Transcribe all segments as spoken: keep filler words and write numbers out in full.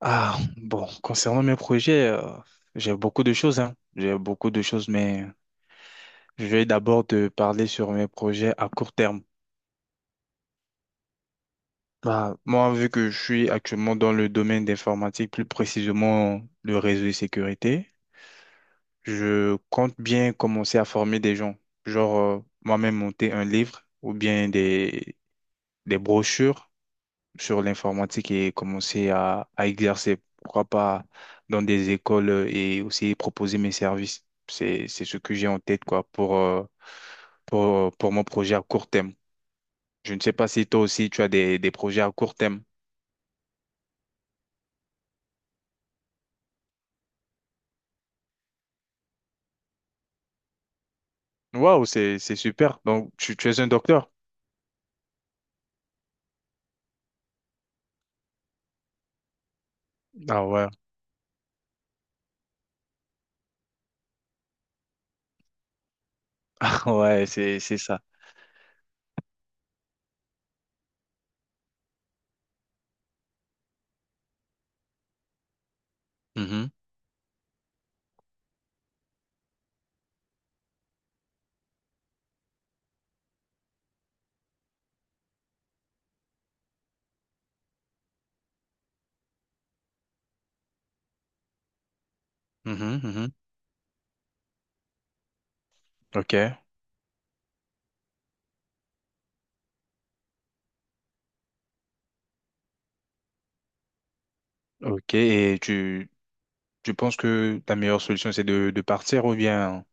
Ah, bon, concernant mes projets, euh, j'ai beaucoup de choses, hein. J'ai beaucoup de choses, mais je vais d'abord te parler sur mes projets à court terme. Bah, moi, vu que je suis actuellement dans le domaine d'informatique, plus précisément le réseau de sécurité, je compte bien commencer à former des gens. Genre, euh, moi-même monter un livre ou bien des, des brochures sur l'informatique et commencer à, à exercer, pourquoi pas dans des écoles euh, et aussi proposer mes services. C'est, c'est ce que j'ai en tête, quoi, pour, euh, pour, euh, pour mon projet à court terme. Je ne sais pas si toi aussi tu as des, des projets à court terme. Waouh, c'est, c'est super. Donc, tu, tu es un docteur? Ah ouais, ouais, c'est, c'est ça. Mhm, mhm, mhm. Ok, ok. Et tu, tu penses que ta meilleure solution, c'est de, de partir ou bien...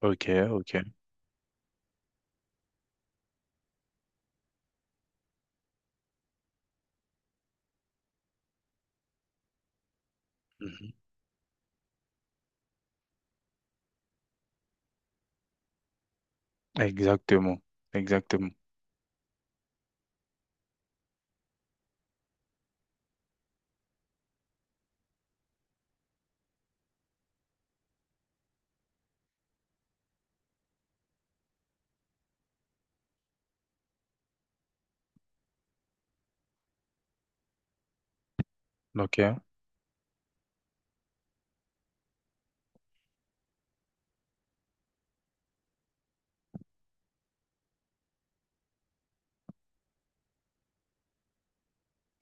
Ok, ok. Mhm. Exactement, exactement. Ok.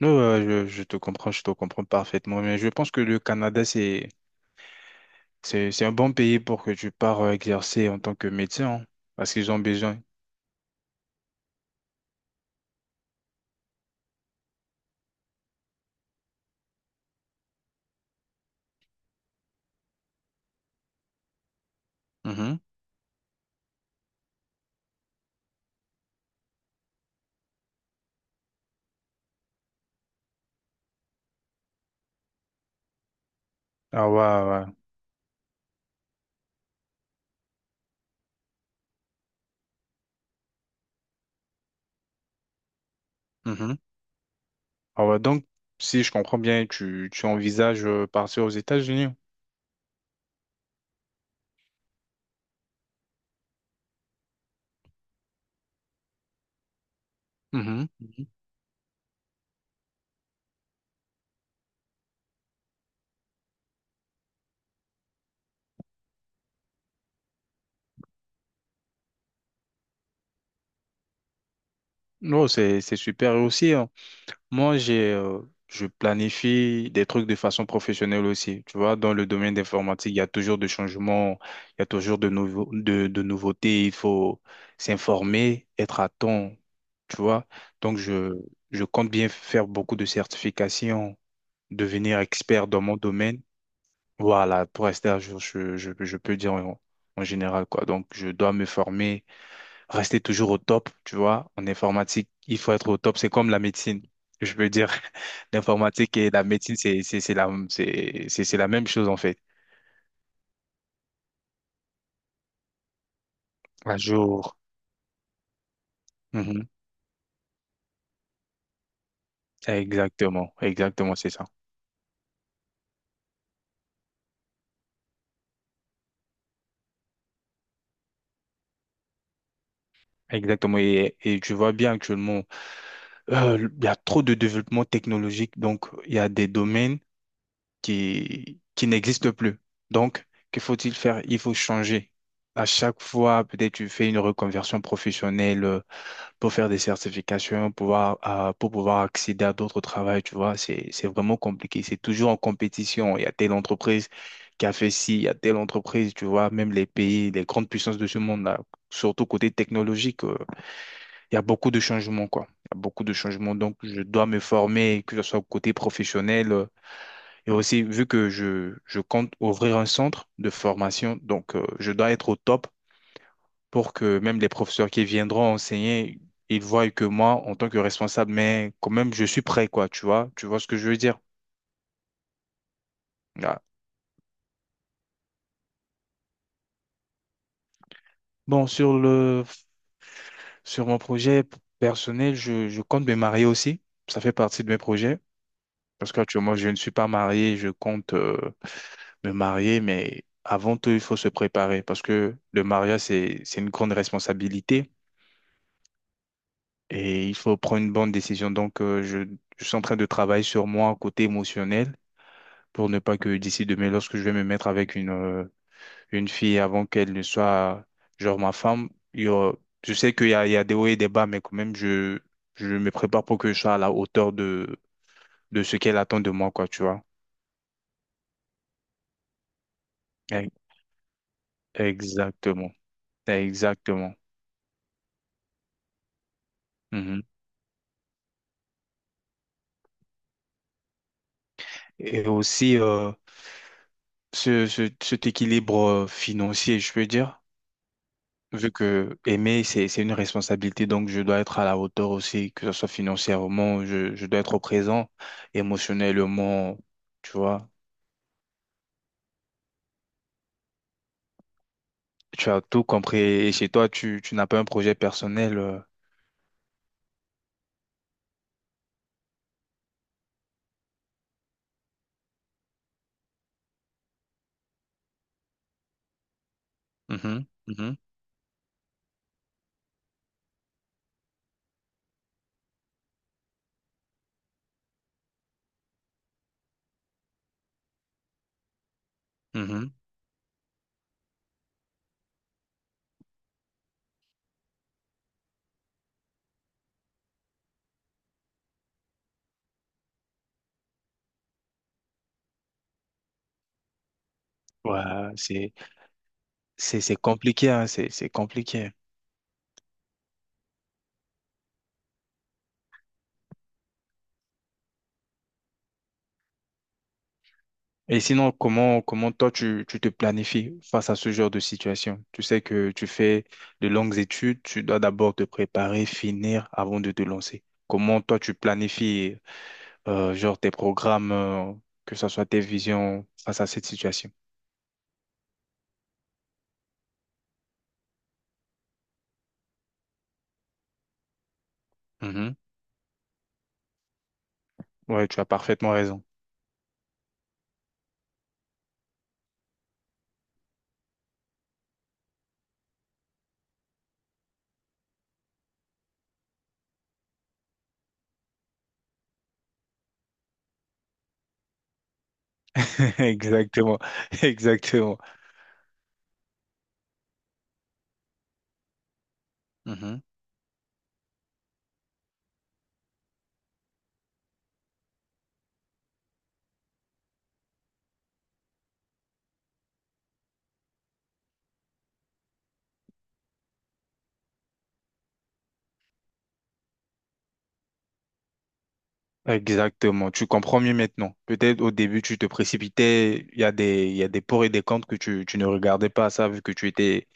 Non, euh, je, je te comprends, je te comprends parfaitement. Mais je pense que le Canada, c'est, c'est, c'est un bon pays pour que tu pars euh, exercer en tant que médecin, hein, parce qu'ils ont besoin. Mhm. Ah ouais, ouais. Mhm. Ah ouais. Donc, si je comprends bien, tu, tu envisages euh, partir aux États-Unis. Mhm. Mhm. Non, c'est, c'est super. Et aussi, hein. Moi, j'ai, euh, je planifie des trucs de façon professionnelle aussi. Tu vois, dans le domaine d'informatique, il y a toujours des changements, il y a toujours de nouveaux, de, de nouveautés. Il faut s'informer, être à temps. Tu vois, donc je, je compte bien faire beaucoup de certifications, devenir expert dans mon domaine. Voilà, pour rester à jour, je, je, je peux dire en, en général quoi. Donc, je dois me former rester toujours au top, tu vois. En informatique, il faut être au top. C'est comme la médecine. Je veux dire, l'informatique et la médecine, c'est, c'est, c'est la, c'est, c'est c'est la même chose, en fait. Un jour. Mhm. Exactement. Exactement, c'est ça. Exactement. Et, et tu vois bien actuellement, euh, il y a trop de développement technologique. Donc, il y a des domaines qui, qui n'existent plus. Donc, que faut-il faire? Il faut changer. À chaque fois, peut-être tu fais une reconversion professionnelle, euh, pour faire des certifications, pouvoir, euh, pour pouvoir accéder à d'autres travails, tu vois, c'est, c'est vraiment compliqué. C'est toujours en compétition. Il y a telle entreprise qui a fait ci, il y a telle entreprise, tu vois, même les pays, les grandes puissances de ce monde-là, surtout côté technologique, euh, il y a beaucoup de changements, quoi. Il y a beaucoup de changements. Donc, je dois me former, que ce soit côté professionnel. Euh, et aussi, vu que je, je compte ouvrir un centre de formation, donc euh, je dois être au top pour que même les professeurs qui viendront enseigner, ils voient que moi, en tant que responsable, mais quand même, je suis prêt, quoi, tu vois, tu vois ce que je veux dire. Ah. Bon, sur le, sur mon projet p- personnel, je, je compte me marier aussi. Ça fait partie de mes projets. Parce qu'actuellement, je ne suis pas marié, je compte euh, me marier, mais avant tout, il faut se préparer parce que le mariage, c'est, c'est une grande responsabilité et il faut prendre une bonne décision. Donc, euh, je, je suis en train de travailler sur moi, côté émotionnel pour ne pas que d'ici demain, lorsque je vais me mettre avec une, euh, une fille avant qu'elle ne soit, genre, ma femme, il y aura- je sais qu'il y a, il y a des hauts et des bas, mais quand même, je, je me prépare pour que je sois à la hauteur de, de ce qu'elle attend de moi, quoi, tu vois. E- Exactement. Exactement. Mhm. Et aussi, euh, ce, ce, cet équilibre euh, financier, je peux dire. Vu que aimer, c'est, c'est une responsabilité, donc je dois être à la hauteur aussi, que ce soit financièrement, je, je dois être présent, émotionnellement, tu vois. Tu as tout compris. Et chez toi, tu, tu n'as pas un projet personnel. euh. Mhm, mhm, mhm. Ouais, c'est, c'est, c'est compliqué, hein, c'est, c'est compliqué. Et sinon, comment, comment toi, tu, tu te planifies face à ce genre de situation? Tu sais que tu fais de longues études, tu dois d'abord te préparer, finir avant de te lancer. Comment toi, tu planifies euh, genre tes programmes, euh, que ce soit tes visions face à cette situation. Mhm, ouais, tu as parfaitement raison. Exactement, exactement, mhm, exactement. Tu comprends mieux maintenant. Peut-être au début, tu te précipitais, il y a des, il y a des pour et des contre que tu, tu ne regardais pas ça vu que tu étais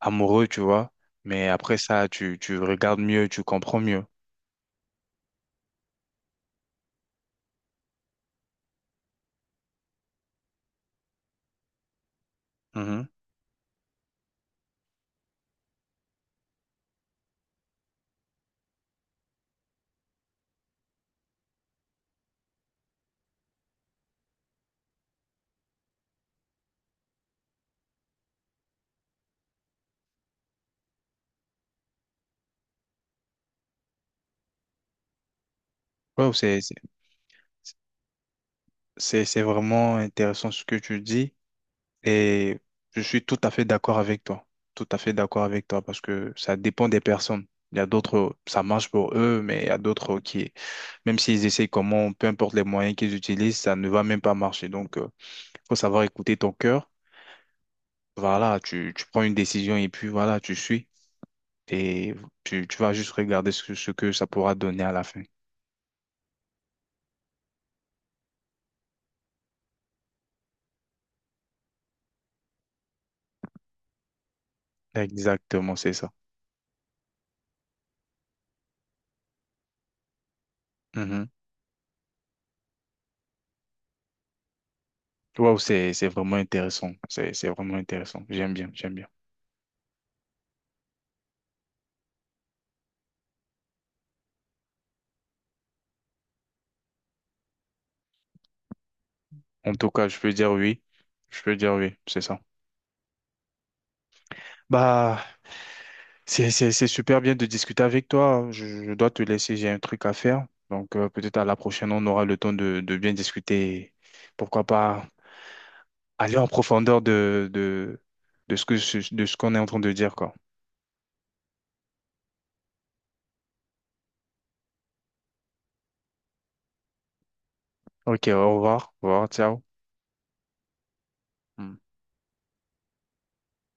amoureux, tu vois. Mais après ça, tu, tu regardes mieux, tu comprends mieux. Mhm. Ouais, c'est, c'est, c'est c'est vraiment intéressant ce que tu dis. Et je suis tout à fait d'accord avec toi. Tout à fait d'accord avec toi parce que ça dépend des personnes. Il y a d'autres, ça marche pour eux, mais il y a d'autres qui, même s'ils essayent comment, peu importe les moyens qu'ils utilisent, ça ne va même pas marcher. Donc, il faut savoir écouter ton cœur. Voilà, tu, tu prends une décision et puis voilà, tu suis. Et tu, tu vas juste regarder ce, que- ce que ça pourra donner à la fin. Exactement, c'est ça. Mhm. Waouh, c'est, c'est vraiment intéressant. C'est, c'est vraiment intéressant. J'aime bien, j'aime bien. En tout cas, je peux dire oui. Je peux dire oui, c'est ça. Bah, c'est, c'est, c'est super bien de discuter avec toi, hein. Je, je dois te laisser, j'ai un truc à faire. Donc, euh, peut-être à la prochaine, on aura le temps de, de bien discuter. Et pourquoi pas aller en profondeur de, de, de ce que, ce- de ce qu'on est en train de dire, quoi. Ok, au revoir. Au revoir, ciao. Hmm.